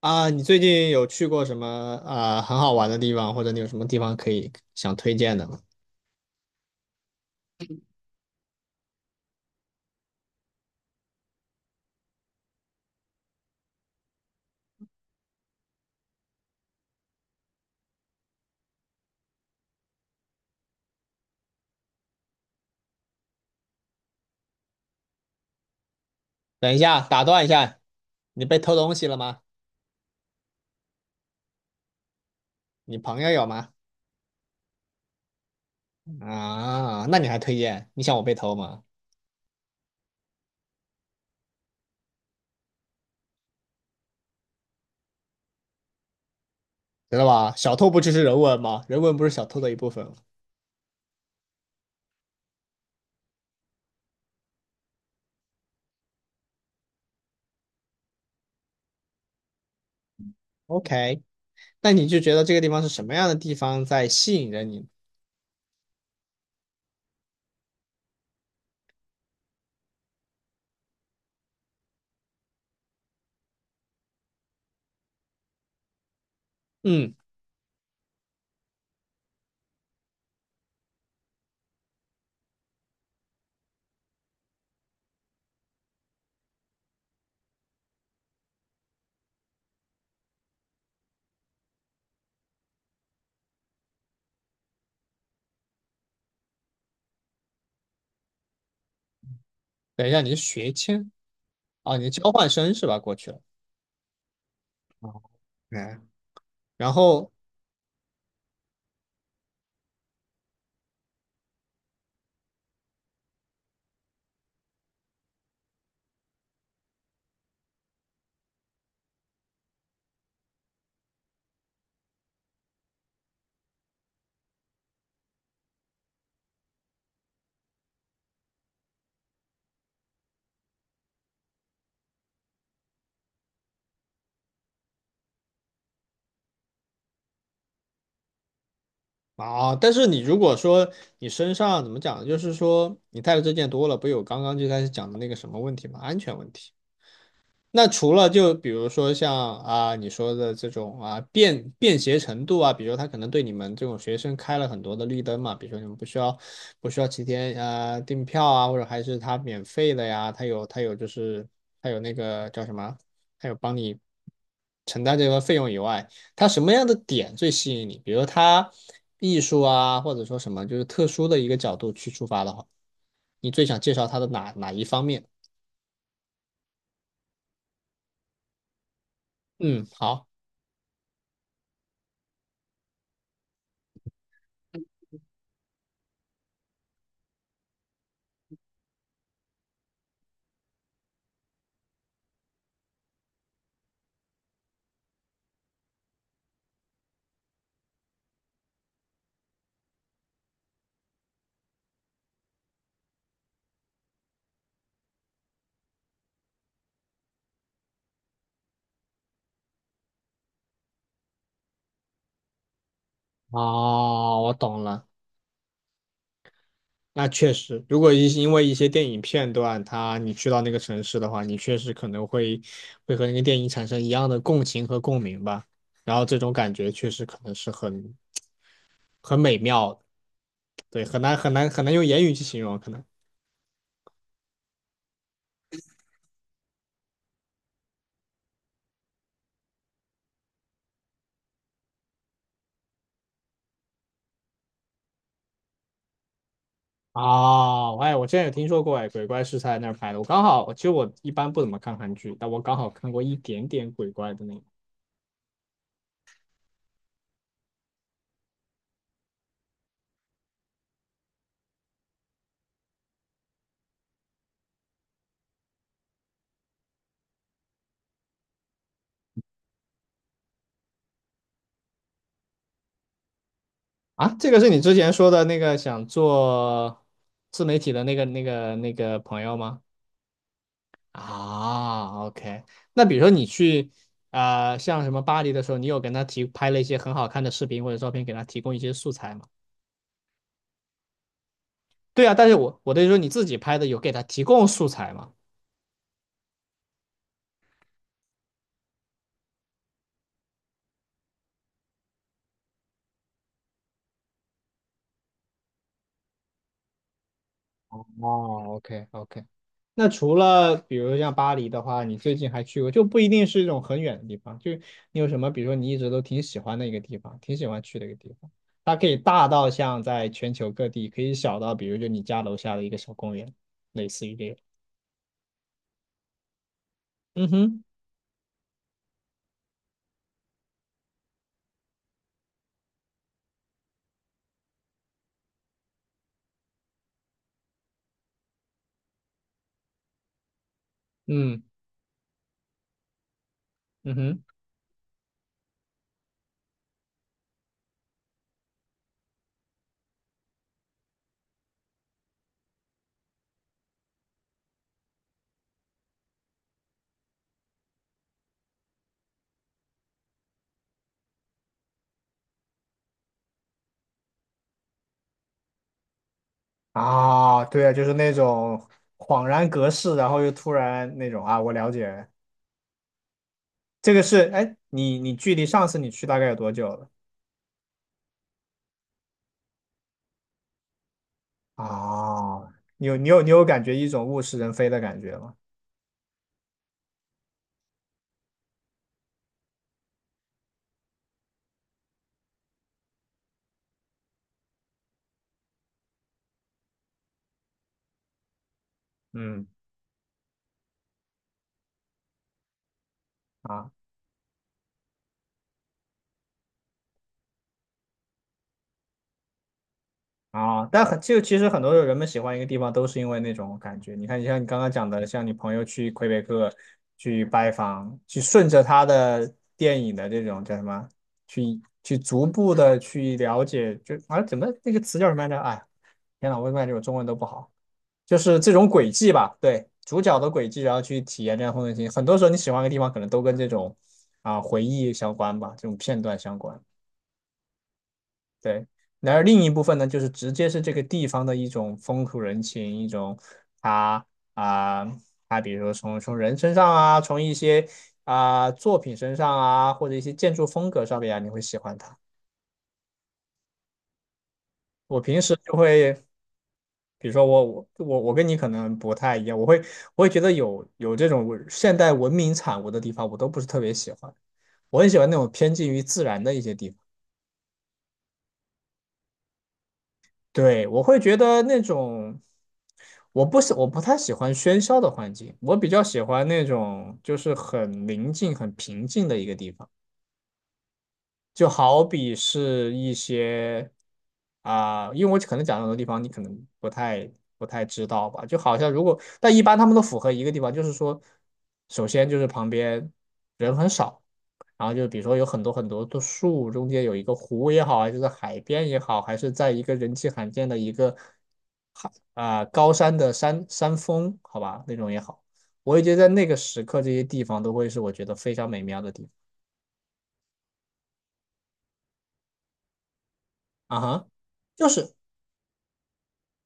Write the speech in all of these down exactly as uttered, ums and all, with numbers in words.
啊，你最近有去过什么啊很好玩的地方，或者你有什么地方可以想推荐的吗？等一下，打断一下，你被偷东西了吗？你朋友有吗？啊，那你还推荐？你想我被偷吗？知道吧？小偷不就是人文吗？人文不是小偷的一部分吗？OK，那你就觉得这个地方是什么样的地方在吸引着你？嗯，等一下，你是学签哦，你是交换生是吧？过去了，嗯，然后啊，但是你如果说你身上怎么讲，就是说你带的这件多了，不有刚刚就开始讲的那个什么问题吗？安全问题。那除了就比如说像啊你说的这种啊便便携程度啊，比如他可能对你们这种学生开了很多的绿灯嘛，比如说你们不需要不需要提前啊订票啊，或者还是他免费的呀，他有他有就是他有那个叫什么，他有帮你承担这个费用以外，他什么样的点最吸引你？比如他艺术啊，或者说什么就是特殊的一个角度去出发的话，你最想介绍他的哪哪一方面？嗯，好。哦，我懂了。那确实，如果一因为一些电影片段，它你去到那个城市的话，你确实可能会会和那个电影产生一样的共情和共鸣吧。然后这种感觉确实可能是很很美妙的，对，很难很难很难用言语去形容，可能。哦，哎，我之前有听说过，哎，鬼怪是在那儿拍的。我刚好，其实我一般不怎么看韩剧，但我刚好看过一点点鬼怪的那个。啊，这个是你之前说的那个想做自媒体的那个那个那个朋友吗？啊，OK。那比如说你去啊、呃像什么巴黎的时候，你有跟他提拍了一些很好看的视频或者照片，给他提供一些素材吗？对啊，但是我我的意思说你自己拍的有给他提供素材吗？哦，OK，OK。那除了比如像巴黎的话，你最近还去过，就不一定是一种很远的地方，就你有什么，比如说你一直都挺喜欢的一个地方，挺喜欢去的一个地方，它可以大到像在全球各地，可以小到比如就你家楼下的一个小公园，类似于这个。嗯哼，嗯嗯哼，啊，对啊，就是那种恍然隔世，然后又突然那种啊，我了解，这个是，哎，你你距离上次你去大概有多久了？啊，你有你有你有感觉一种物是人非的感觉吗？嗯啊啊，但很就其实很多人们喜欢一个地方都是因为那种感觉。你看，像你刚刚讲的，像你朋友去魁北克去拜访，去顺着他的电影的这种叫什么，去去逐步的去了解，就啊怎么那个词叫什么来着？哎，天呐，我感觉我中文都不好，就是这种轨迹吧，对，主角的轨迹，然后去体验这样的风景。很多时候你喜欢一个地方，可能都跟这种啊回忆相关吧，这种片段相关。对，然而另一部分呢，就是直接是这个地方的一种风土人情，一种他啊，他比如说从从人身上啊，从一些啊作品身上啊，或者一些建筑风格上面啊，你会喜欢它。我平时就会，比如说我我我我跟你可能不太一样，我会我会觉得有有这种文现代文明产物的地方，我都不是特别喜欢。我很喜欢那种偏近于自然的一些地方。对，我会觉得那种，我不喜，我不太喜欢喧嚣的环境，我比较喜欢那种就是很宁静、很平静的一个地方。就好比是一些啊、因为我可能讲的很多地方你可能不太不太知道吧，就好像如果，但一般他们都符合一个地方，就是说，首先就是旁边人很少。然后就比如说有很多很多的树，中间有一个湖也好，还是在海边也好，还是在一个人迹罕见的一个啊，高山的山山峰，好吧，那种也好。我也觉得在那个时刻，这些地方都会是我觉得非常美妙的地方啊哈。就是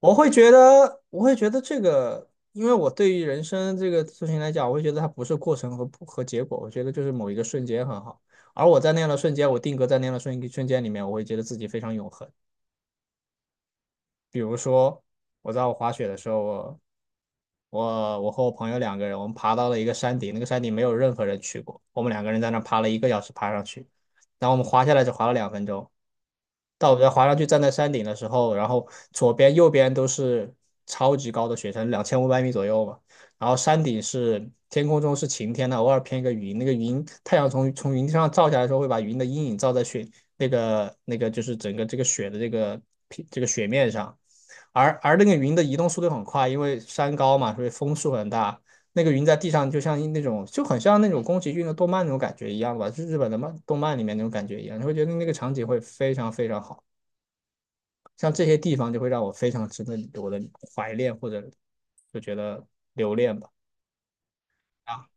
我会觉得，我会觉得这个，因为我对于人生这个事情来讲，我会觉得它不是过程和和结果，我觉得就是某一个瞬间很好。而我在那样的瞬间，我定格在那样的瞬瞬间里面，我会觉得自己非常永恒。比如说，我在我滑雪的时候，我我我和我朋友两个人，我们爬到了一个山顶，那个山顶没有任何人去过，我们两个人在那爬了一个小时爬上去，然后我们滑下来只滑了两分钟，到我家滑上去站在山顶的时候，然后左边右边都是超级高的雪山，两千五百米左右嘛。然后山顶是天空中是晴天的，偶尔偏一个云，那个云太阳从从云上照下来的时候，会把云的阴影照在雪那个那个就是整个这个雪的这个平这个雪面上。而而那个云的移动速度很快，因为山高嘛，所以风速很大。那个云在地上，就像那种就很像那种宫崎骏的动漫那种感觉一样吧，就是日本的漫动漫里面那种感觉一样，你会觉得那个场景会非常非常好，像这些地方就会让我非常值得我的怀恋或者就觉得留恋吧。啊，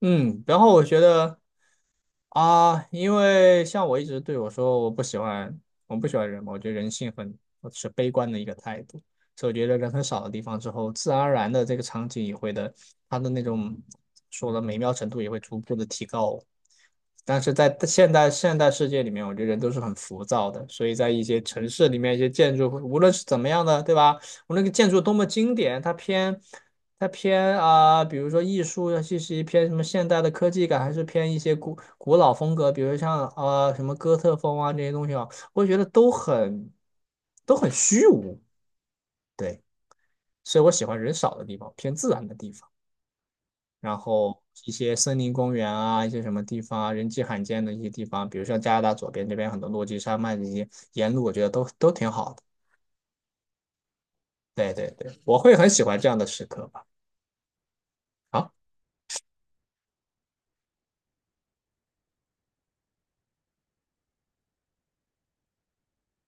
嗯，然后我觉得啊，因为像我一直对我说，我不喜欢，我不喜欢人嘛，我觉得人性很我是悲观的一个态度，所以我觉得人很少的地方之后，自然而然的这个场景也会的，它的那种说的美妙程度也会逐步的提高。但是在现代现代世界里面，我觉得人都是很浮躁的，所以在一些城市里面，一些建筑，无论是怎么样的，对吧？我那个建筑多么经典，它偏它偏啊、比如说艺术，尤其是偏什么现代的科技感，还是偏一些古古老风格，比如像啊什么哥特风啊这些东西啊，我觉得都很都很虚无。对，所以我喜欢人少的地方，偏自然的地方，然后一些森林公园啊，一些什么地方啊，人迹罕见的一些地方，比如像加拿大左边这边很多落基山脉这些沿路，我觉得都都挺好的。对对对，我会很喜欢这样的时刻吧。好。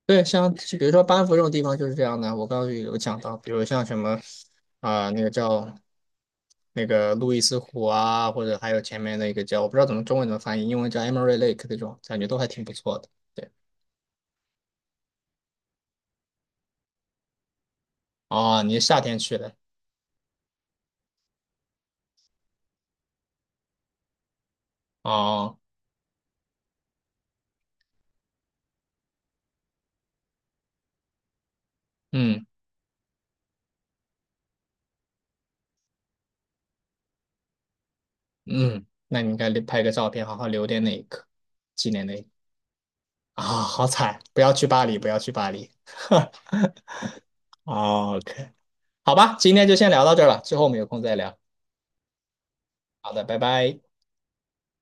对，像就比如说班夫这种地方就是这样的。我刚刚有讲到，比如像什么啊、那个叫那个路易斯湖啊，或者还有前面那个叫我不知道怎么中文怎么翻译，英文叫 Emery Lake 这种，感觉都还挺不错的。对，哦，你是夏天去的，哦，嗯嗯，那你应该拍个照片，好好留点那一刻，纪念那一刻啊、好惨，不要去巴黎，不要去巴黎。OK，好吧，今天就先聊到这儿了，之后我们有空再聊。好的，拜拜。